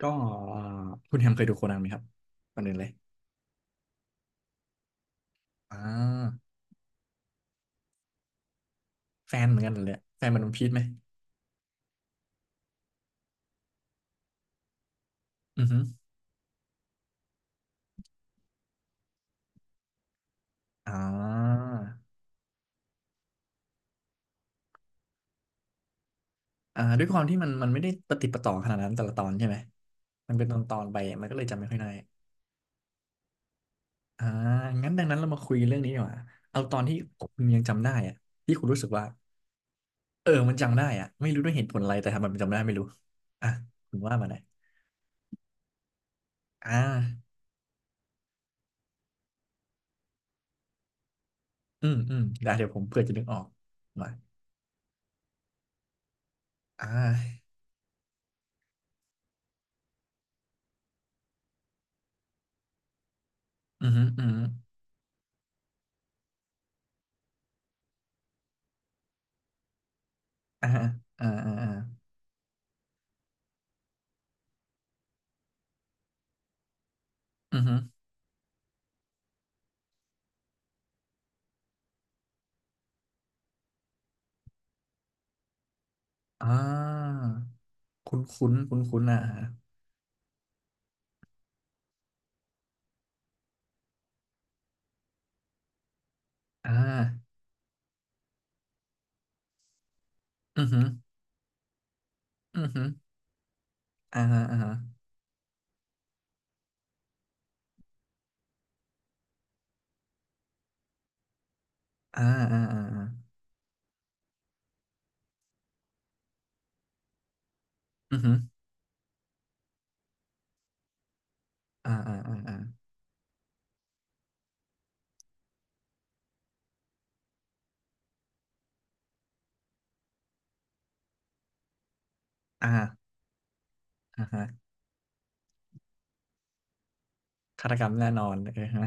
ก็เอ่อคุณแฮมเคยดูโคนันไหมครับก่อนอื่นเลยอ่าแฟนเหมือนกันเลยแฟนมันวันพีชไหมอือฮึอ่าอ่าด้วยความที่มันไม่ได้ประติดประต่อขนาดนั้นแต่ละตอนใช่ไหมมันเป็นตอนตอนไปมันก็เลยจำไม่ค่อยได้อ่างั้นดังนั้นเรามาคุยเรื่องนี้ดีกว่าเอาตอนที่คุณยังจำได้อะที่คุณรู้สึกว่าเออมันจำได้อะไม่รู้ด้วยเหตุผลอะไรแต่ทำไมมันจำได้ไม่รู้อ่ะคุณว่ามาหน่อยอ่าอืมอืมได้เดี๋ยวผมเผื่อจะนึกออกมาอ่าอืมอหืมออือหืออ่าอ่าอ่าอ่า อือฮึอ่าคุ้นคุ้นคุ้นคุ้นๆอ่ะฮะอ่าอือฮึอือฮึอ่าฮะอ่าฮะอ่าอ่าอ่าอ่าอือฮึอ่าอ่าอ่าอ่าอ่าอ่าฮะฆาตกรรมแน่นอนเออฮะ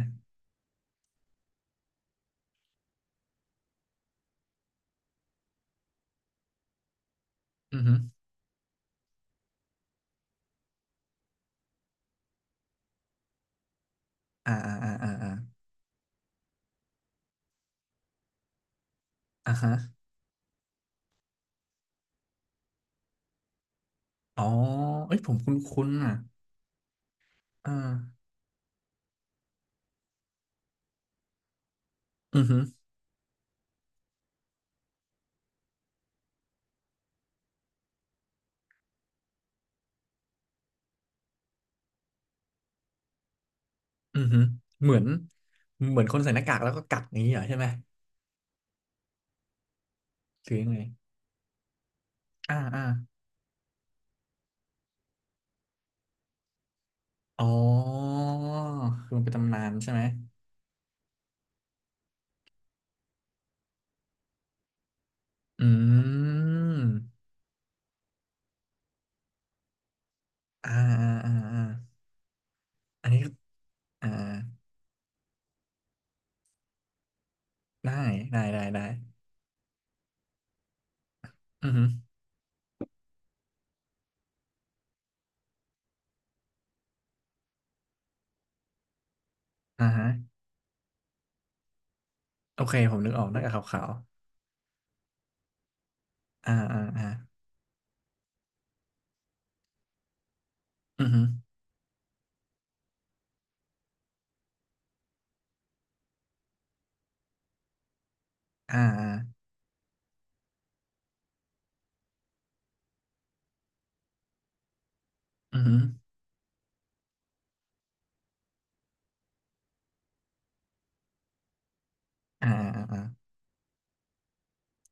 อือฮึอ่าอ่าอ่าอ่าอ่าอ่าฮะอ๋อเอ้ยผมคุ้นคุ้นอ่ะอ่าอือฮึอือฮึเหมือนเหมือนคนใส่หน้ากากแล้วก็กัดอย่างนี้เหรอใช่ไหมหรือยังไงอ่าอ่าอ๋อคือมันเป็นตำนานใช่ไหมอืม อ่าอ่าอ่าอ่าอันนี้ก็อ่าได้ได้ได้ได้อือฮึอ่าฮะโอเคผมนึกออกหน้ากากขาวๆอ่าอ่าอ่าอือฮึอ่าอ่าอือฮึอ่าอ่าอ่า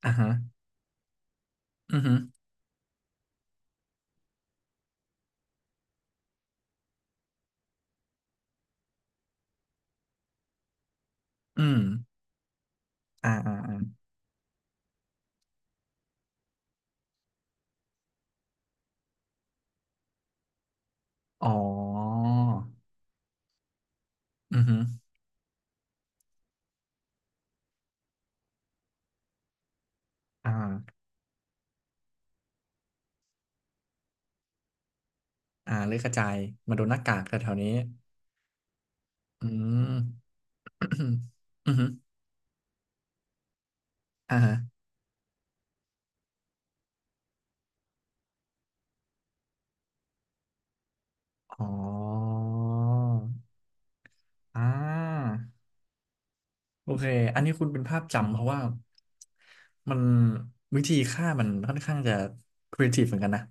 อ่าฮะอือฮึอืมอ่าอ่าอ่าอ๋ออือฮึอ่าอ่าเลือกระจายมาโดนหน้ากากแแถวๆนี้อืม อือฮึอ่าฮะอ๋ออ่า โอเค อันนี้คุณเป็นภาพจำเพราะว่ามันวิธีฆ่ามันค่อนข้างจะครีเอทีฟเหมือนกันนะ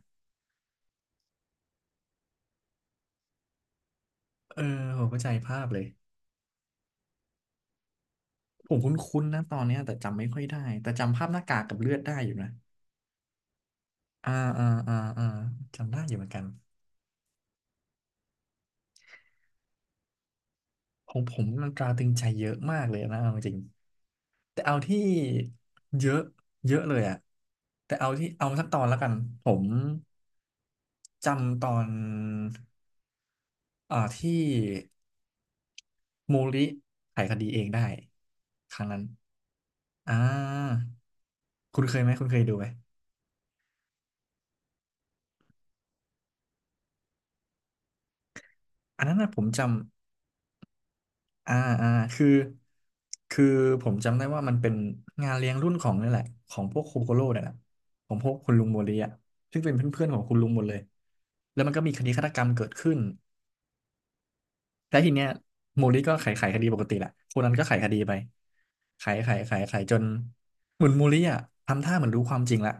เออผมเข้าใจภาพเลยผมคุ้นๆนะตอนเนี้ยแต่จำไม่ค่อยได้ แต่จำภาพหน้ากากกับเลือดได้อยู่นะอ่าอ่าอ่าอ่าจำได้อยู่เหมือนกันของผมมันตราตรึงใจเยอะมากเลยนะเอาจริงๆแต่เอาที่เยอะเยอะเลยอะแต่เอาที่เอาสักตอนแล้วกัน ผมจำตอนอ่าที่ มูริธิไขคดีเองได้ครั้งนั้นอ่าคุณเคยไหม คุณเคยดูไหม อันนั้นนะผมจำอ่าอ่าคือ คือผมจำได้ว่ามันเป็นงานเลี้ยงรุ่นของนี่แหละของพวกโคโคโร่เนี่ยแหละของพวกคุณลุงโมริอ่ะซึ่งเป็นเพื่อนๆของคุณลุงหมดเลย แล้วมันก็มีคดีฆาตกรรมเกิดขึ้น แล้วทีเนี้ยโมริก็ไขคดีปกติแหละคนนั้นก็ไขคดีไปไขไขไขไขจนเหมือนโมริอ่ะทำท่าเหมือนรู้ความจริงละ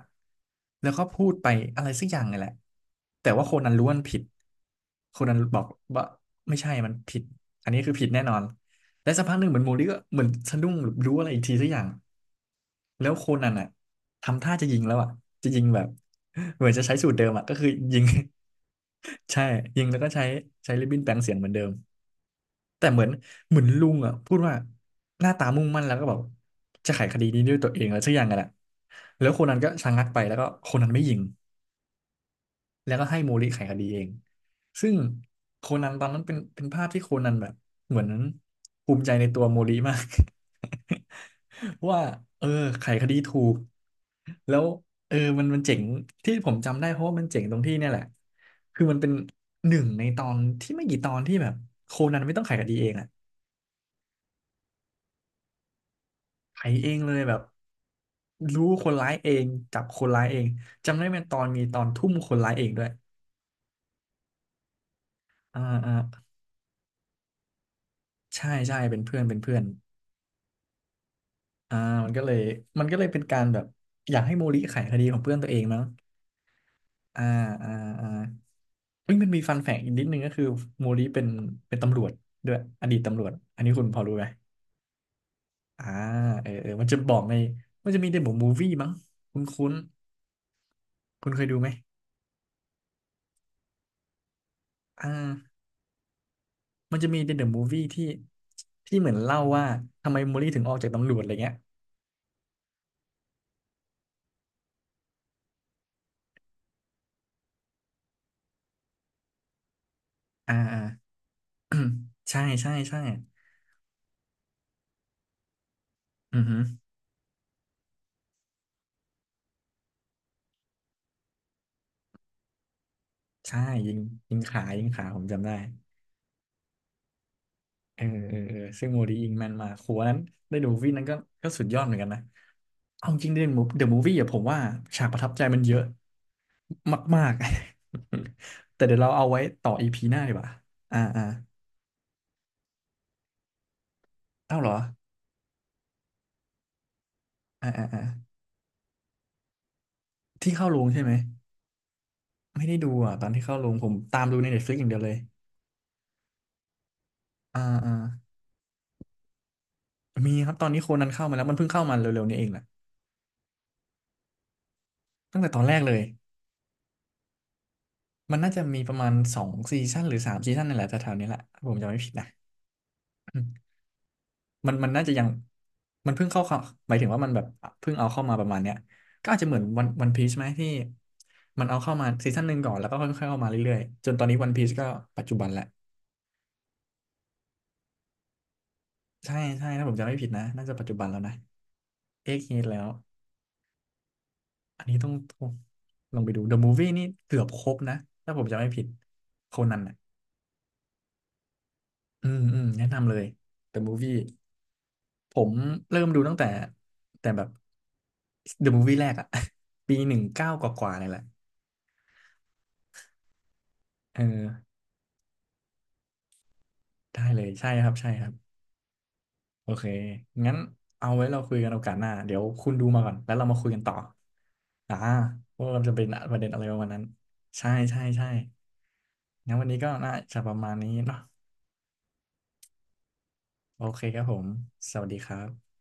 แล้วก็พูดไปอะไรสักอย่างไงแหละแต่ว่าคนนั้นรู้ว่ามันผิดคนนั้นบอกว่าไม่ใช่มันผิดอันนี้คือผิดแน่นอนและสักพักหนึ่งเหมือนโมริก็เหมือนสะดุ้งหรือรู้อะไรอีกทีสักอย่างแล้วโคนันอ่ะทำท่าจะยิงแล้วอ่ะจะยิงแบบเหมือนจะใช้สูตรเดิมอ่ะก็คือยิง ใช่ยิงแล้วก็ใช้ริบบิ้นแปลงเสียงเหมือนเดิม แต่เหมือนเหมือนลุงอ่ะพูดว่าหน้าตามุ่งมั่นแล้วก็แบบจะไขคดีนี้ด้วยตัวเองแล้วสักอย่างกันแหละแล้วคนนั้นก็ชะงักไปแล้วก็คนนั้นไม่ยิงแล้วก็ให้โมริไขคดีเองซึ่งโคนันตอนนั้นเป็นภาพที่โคนันแบบเหมือนภูมิใจในตัวโมริมาก ว่าเออไขคดีถูกแล้วเออมันมันเจ๋งที่ผมจำได้เพราะว่ามันเจ๋งตรงที่เนี่ยแหละคือมันเป็นหนึ่งในตอนที่ไม่กี่ตอนที่แบบโคนันไม่ต้องไขคดีเองอะ ไถเองเลยแบบรู้คนร้ายเองจับคนร้ายเองจำได้เป็นตอนมีตอนทุ่มคนร้ายเองด้วยอ่าอ่าใช่ใช่เป็นเพื่อนเป็นเพื่อนอ่ามันก็เลยมันก็เลยเป็นการแบบอยากให้โมริไขคดีของเพื่อนตัวเองมั้งอ่าอ่าอ่าเฮ้ยมันมีฟันแฝงอีกนิดนึงก็คือโมริเป็นตำรวจด้วยอดีตตำรวจอันนี้คุณพอรู้ไหมอ่าเออเออมันจะบอกในมันจะมีในบทมูฟวี่มั้งคุ้นคุ้นคุณเคยดูไหมอ่า มันจะมีในเดอะมูฟวี่ที่ที่เหมือนเล่าว่าทำไมโมลี่ถึงออกจากตำรวจอะไรเงี้ยอ่าอ่า ใช่ใช่ใช่อือฮึใช่ยิงยิงขาผมจำได้เออเออเออซึ่งโมลี่ยิงแม่นมากโหอัวนั้นได้ดูมูฟวี่นั้นก็ก็สุดยอดเหมือนกันนะเอาจริงเดอะมูฟวี่อะผมว่าฉากประทับใจมันเยอะมากๆ แต่เดี๋ยวเราเอาไว้ต่ออีพีหน้าดีกว่าอ่าอ่าเอ้าเหรออ่าอ่าอ่าที่เข้าโรงใช่ไหมไม่ได้ดูอ่ะตอนที่เข้าโรงผมตามดูใน Netflix อย่างเดียวเลย อ่าอ่ามีครับตอนนี้โคนันเข้ามาแล้วมันเพิ่งเข้ามาเร็วๆนี้เองแหละตั้งแต่ตอนแรกเลยมันน่าจะมีประมาณสองซีซั่นหรือสามซีซั่นนี่นแหละแถวๆนี้แหละถ้าผมจำไม่ผิดนะอืมมันมันน่าจะยังมันเพิ่งเข้าหมายถึงว่ามันแบบเพิ่งเอาเข้ามาประมาณเนี้ยก็อาจจะเหมือนวันพีชไหมที่มันเอาเข้ามาซีซั่นหนึ่งก่อนแล้วก็ค่อยๆเข้ามาเรื่อยๆจนตอนนี้วันพีชก็ปัจจุบันแหละใช่ใช่ถ้าผมจำไม่ผิดนะน่าจะปัจจุบันแล้วนะเอ็กฮีทแล้วอันนี้ต้องลองไปดู The Movie นี่เกือบครบนะถ้าผมจำไม่ผิดโคนัน อืมอืมแนะนำเลย The Movie ผมเริ่มดูตั้งแต่แต่แบบ The Movie แรกอะ ปีหนึ่งเก้ากว่าๆเนี่ยแหละเออได้เลยใช่ครับใช่ครับโอเคงั้นเอาไว้เราคุยกันโอกาสหน้าเดี๋ยวคุณดูมาก่อนแล้วเรามาคุยกันต่ออ่าว่ามันจะเป็นประเด็นอะไรประมาณนั้นใช่ใช่ใช่งั้นวันนี้ก็น่าจะประมาณนี้เนาะโอเคครับผมสวัสดีครับ